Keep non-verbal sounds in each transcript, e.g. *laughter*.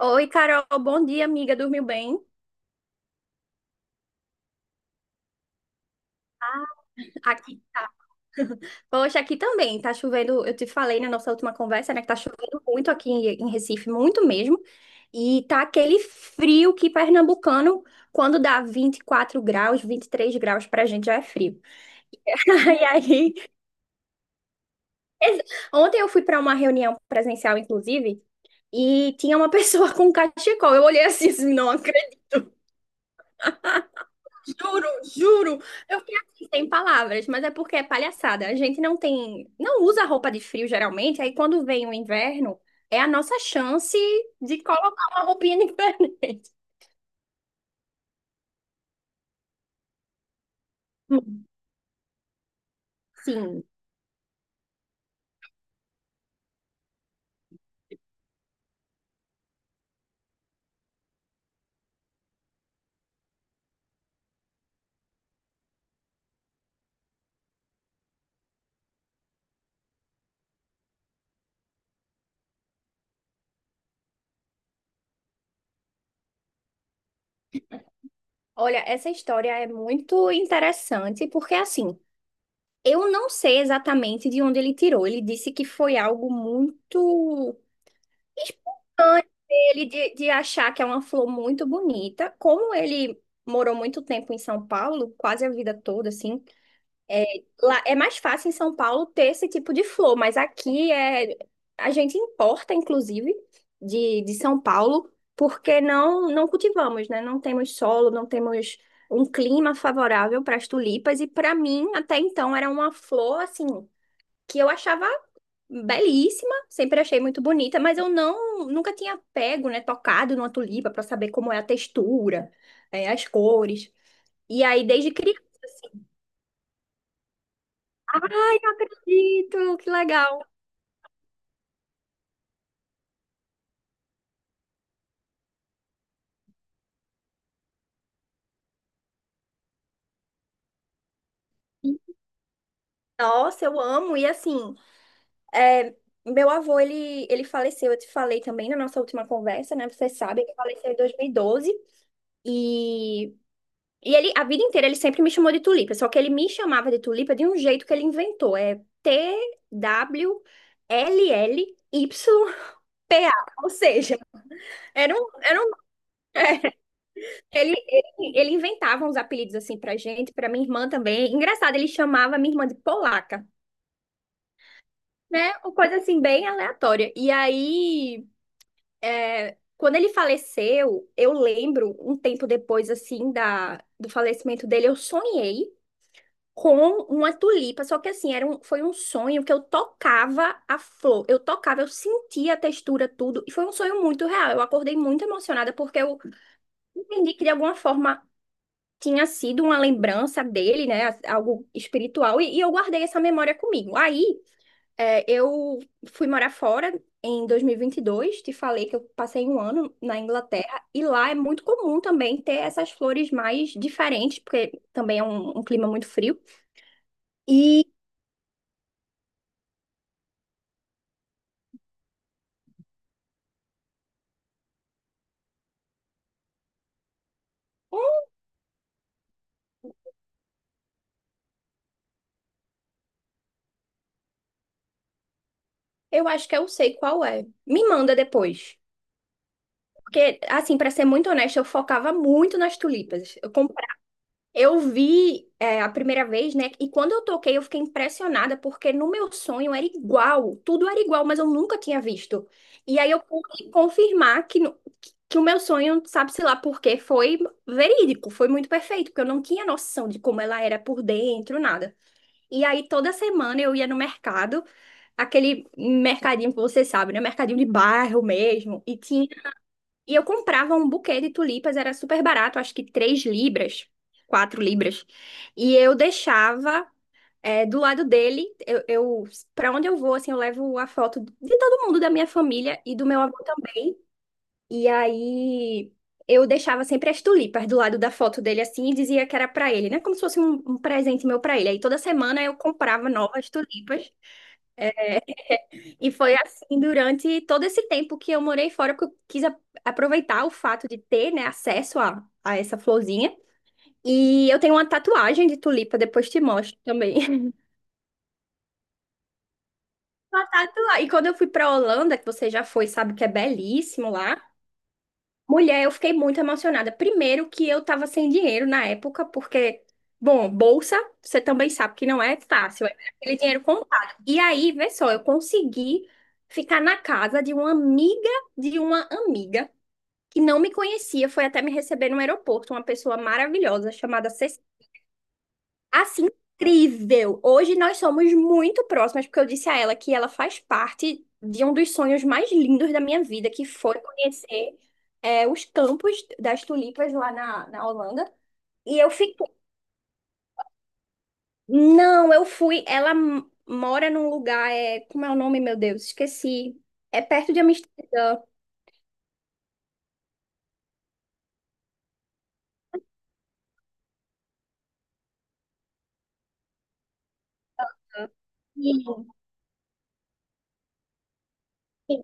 Oi, Carol, bom dia, amiga. Dormiu bem? Aqui. Poxa, aqui também tá chovendo. Eu te falei na nossa última conversa, né, que tá chovendo muito aqui em Recife, muito mesmo. E tá aquele frio que pernambucano, quando dá 24 graus, 23 graus pra gente já é frio. *laughs* E aí, ex- ontem eu fui pra uma reunião presencial, inclusive, e tinha uma *laughs* pessoa com cachecol. Eu olhei assim, assim, não acredito. Juro, juro. Eu fiquei assim, sem palavras, mas é porque é palhaçada. A gente não tem, não usa roupa de frio geralmente, aí quando vem o inverno, é a nossa chance de colocar uma roupinha *laughs* diferente. Hum. Sim. Olha, essa história é muito interessante, porque assim, eu não sei exatamente de onde ele tirou. Ele disse que foi algo muito espontâneo dele de achar que é uma flor muito bonita, como ele morou muito tempo em São Paulo, quase a vida toda, assim, lá é mais fácil em São Paulo ter esse tipo de flor, mas aqui é a gente importa, inclusive, de São Paulo, porque não cultivamos, né? Não temos solo, não temos um clima favorável para as tulipas e para mim até então era uma flor assim que eu achava belíssima, sempre achei muito bonita, mas eu não nunca tinha pego, né, tocado numa tulipa para saber como é a textura, as cores. E aí desde criança assim, ai, não acredito, que legal. Nossa, eu amo e assim, é, meu avô ele faleceu, eu te falei também na nossa última conversa, né? Você sabe, ele faleceu em 2012 e E ele, a vida inteira, ele sempre me chamou de Tulipa, só que ele me chamava de Tulipa de um jeito que ele inventou. É T-W-L-L-Y-P-A. Ou seja, era um, era um, ele inventava uns apelidos assim pra gente, pra minha irmã também. Engraçado, ele chamava minha irmã de Polaca, né? Uma coisa assim, bem aleatória. E aí, quando ele faleceu, eu lembro, um tempo depois, assim, da, do falecimento dele, eu sonhei com uma tulipa. Só que assim, era um, foi um sonho que eu tocava a flor. Eu tocava, eu sentia a textura, tudo. E foi um sonho muito real. Eu acordei muito emocionada porque eu entendi que de alguma forma tinha sido uma lembrança dele, né? Algo espiritual. E eu guardei essa memória comigo. Aí, é, eu fui morar fora. Em 2022, te falei que eu passei um ano na Inglaterra e lá é muito comum também ter essas flores mais diferentes, porque também é um clima muito frio. e Eu acho que eu sei qual é. Me manda depois. Porque, assim, pra ser muito honesta, eu focava muito nas tulipas. Eu vi a primeira vez, né? E quando eu toquei, eu fiquei impressionada, porque no meu sonho era igual. Tudo era igual, mas eu nunca tinha visto. E aí eu pude confirmar que, que o meu sonho, sabe-se lá por quê, foi verídico, foi muito perfeito, porque eu não tinha noção de como ela era por dentro, nada. E aí toda semana eu ia no mercado aquele mercadinho que você sabe, né? Mercadinho de bairro mesmo. E tinha. E eu comprava um buquê de tulipas, era super barato, acho que £3, £4. E eu deixava do lado dele, eu para onde eu vou, assim, eu levo a foto de todo mundo da minha família e do meu avô também. E aí eu deixava sempre as tulipas do lado da foto dele assim e dizia que era pra ele, né? Como se fosse um, um presente meu pra ele. Aí toda semana eu comprava novas tulipas. E foi assim durante todo esse tempo que eu morei fora, porque eu quis aproveitar o fato de ter, né, acesso a essa florzinha. E eu tenho uma tatuagem de tulipa, depois te mostro também. *laughs* Uma tatuagem. E quando eu fui pra Holanda, que você já foi, sabe que é belíssimo lá. Mulher, eu fiquei muito emocionada. Primeiro que eu tava sem dinheiro na época, porque, bom, bolsa, você também sabe que não é fácil, é aquele dinheiro contado. E aí, vê só, eu consegui ficar na casa de uma amiga que não me conhecia, foi até me receber no aeroporto, uma pessoa maravilhosa chamada Cecília. Assim, incrível! Hoje nós somos muito próximas, porque eu disse a ela que ela faz parte de um dos sonhos mais lindos da minha vida, que foi conhecer os campos das tulipas lá na, na Holanda. E eu fiquei. Não, eu fui. Mora num lugar. É. Como é o nome, meu Deus? Esqueci. É perto de Amsterdã. Sim.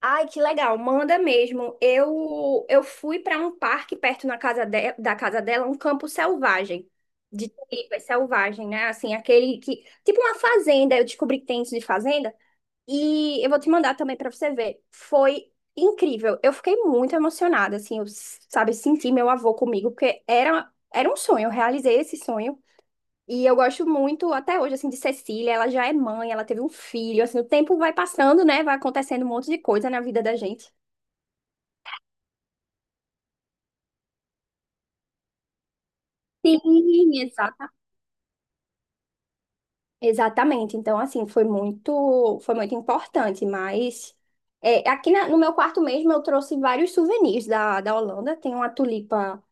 Ai, que legal, manda mesmo. Eu fui para um parque perto na casa da casa dela, um campo selvagem, de tulipas selvagem, né? Assim, aquele que tipo uma fazenda, eu descobri que tem isso de fazenda e eu vou te mandar também para você ver. Foi incrível. Eu fiquei muito emocionada, assim, eu, sabe, senti meu avô comigo, porque era um sonho, eu realizei esse sonho. E eu gosto muito, até hoje, assim, de Cecília. Ela já é mãe, ela teve um filho. Assim, o tempo vai passando, né? Vai acontecendo um monte de coisa na vida da gente. Sim, exata. Exatamente. Então, assim, foi muito importante. Mas aqui no meu quarto mesmo, eu trouxe vários souvenirs da, da Holanda. Tem uma tulipa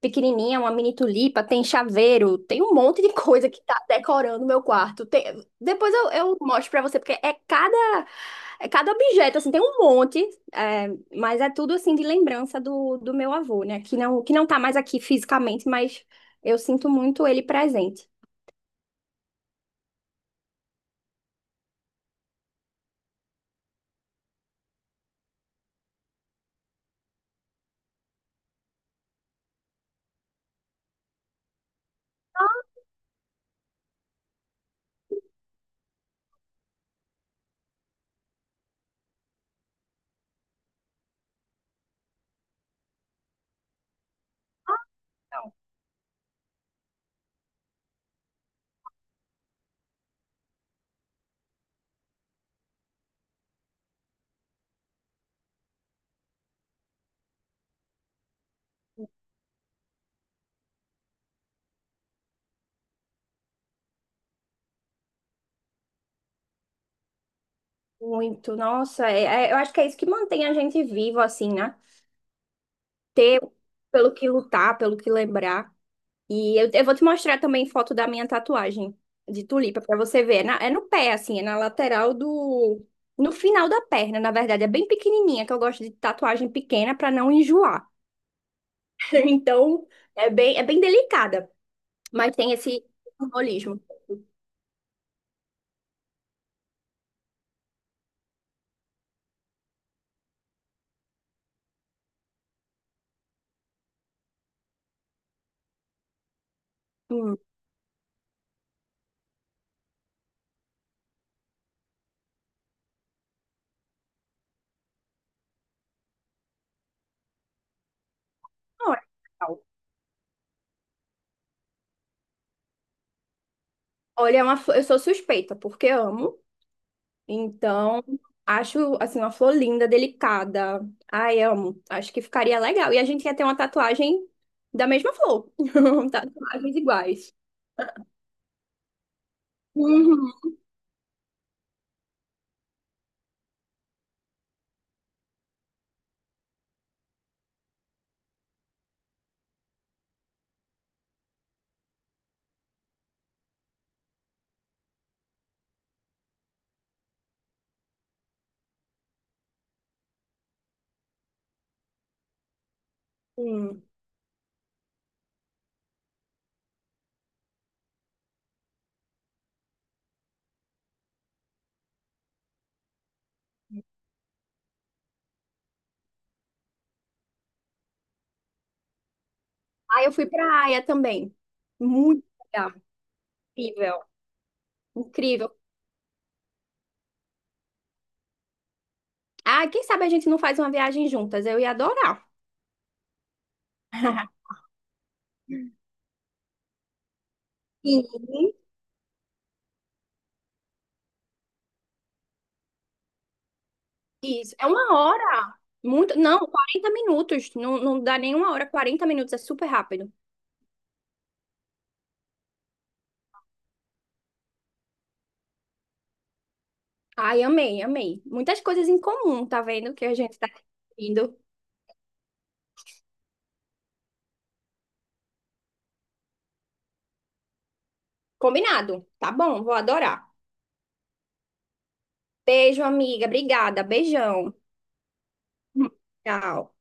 pequenininha, uma mini tulipa, tem chaveiro, tem um monte de coisa que tá decorando o meu quarto. Depois eu mostro pra você, porque é cada objeto, assim, tem um monte, é, mas é tudo, assim, de lembrança do meu avô, né? Que não tá mais aqui fisicamente, mas eu sinto muito ele presente. Muito, nossa, eu acho que é isso que mantém a gente vivo, assim, né? Ter pelo que lutar, pelo que lembrar. E eu vou te mostrar também foto da minha tatuagem de tulipa para você ver. É, é no pé, assim, é na lateral do. No final da perna, na verdade, é bem pequenininha, que eu gosto de tatuagem pequena para não enjoar. *laughs* Então, é bem delicada, mas tem esse simbolismo. Hum, olha, legal. Olha, eu sou suspeita, porque amo. Então, acho assim uma flor linda, delicada. Ai, amo. Acho que ficaria legal. E a gente ia ter uma tatuagem da mesma flor. *laughs* Tatuagens iguais. Uhum. Hum. Aí eu fui pra Aia também. Muito legal. Incrível, incrível. Ah, quem sabe a gente não faz uma viagem juntas? Eu ia adorar. *laughs* Sim, isso. É uma hora. Muito, não, 40 minutos. Não, não dá nenhuma hora, 40 minutos. É super rápido. Ai, amei, amei. Muitas coisas em comum, tá vendo? Que a gente tá indo. Combinado. Tá bom, vou adorar. Beijo, amiga. Obrigada. Beijão. Hum, Tchau.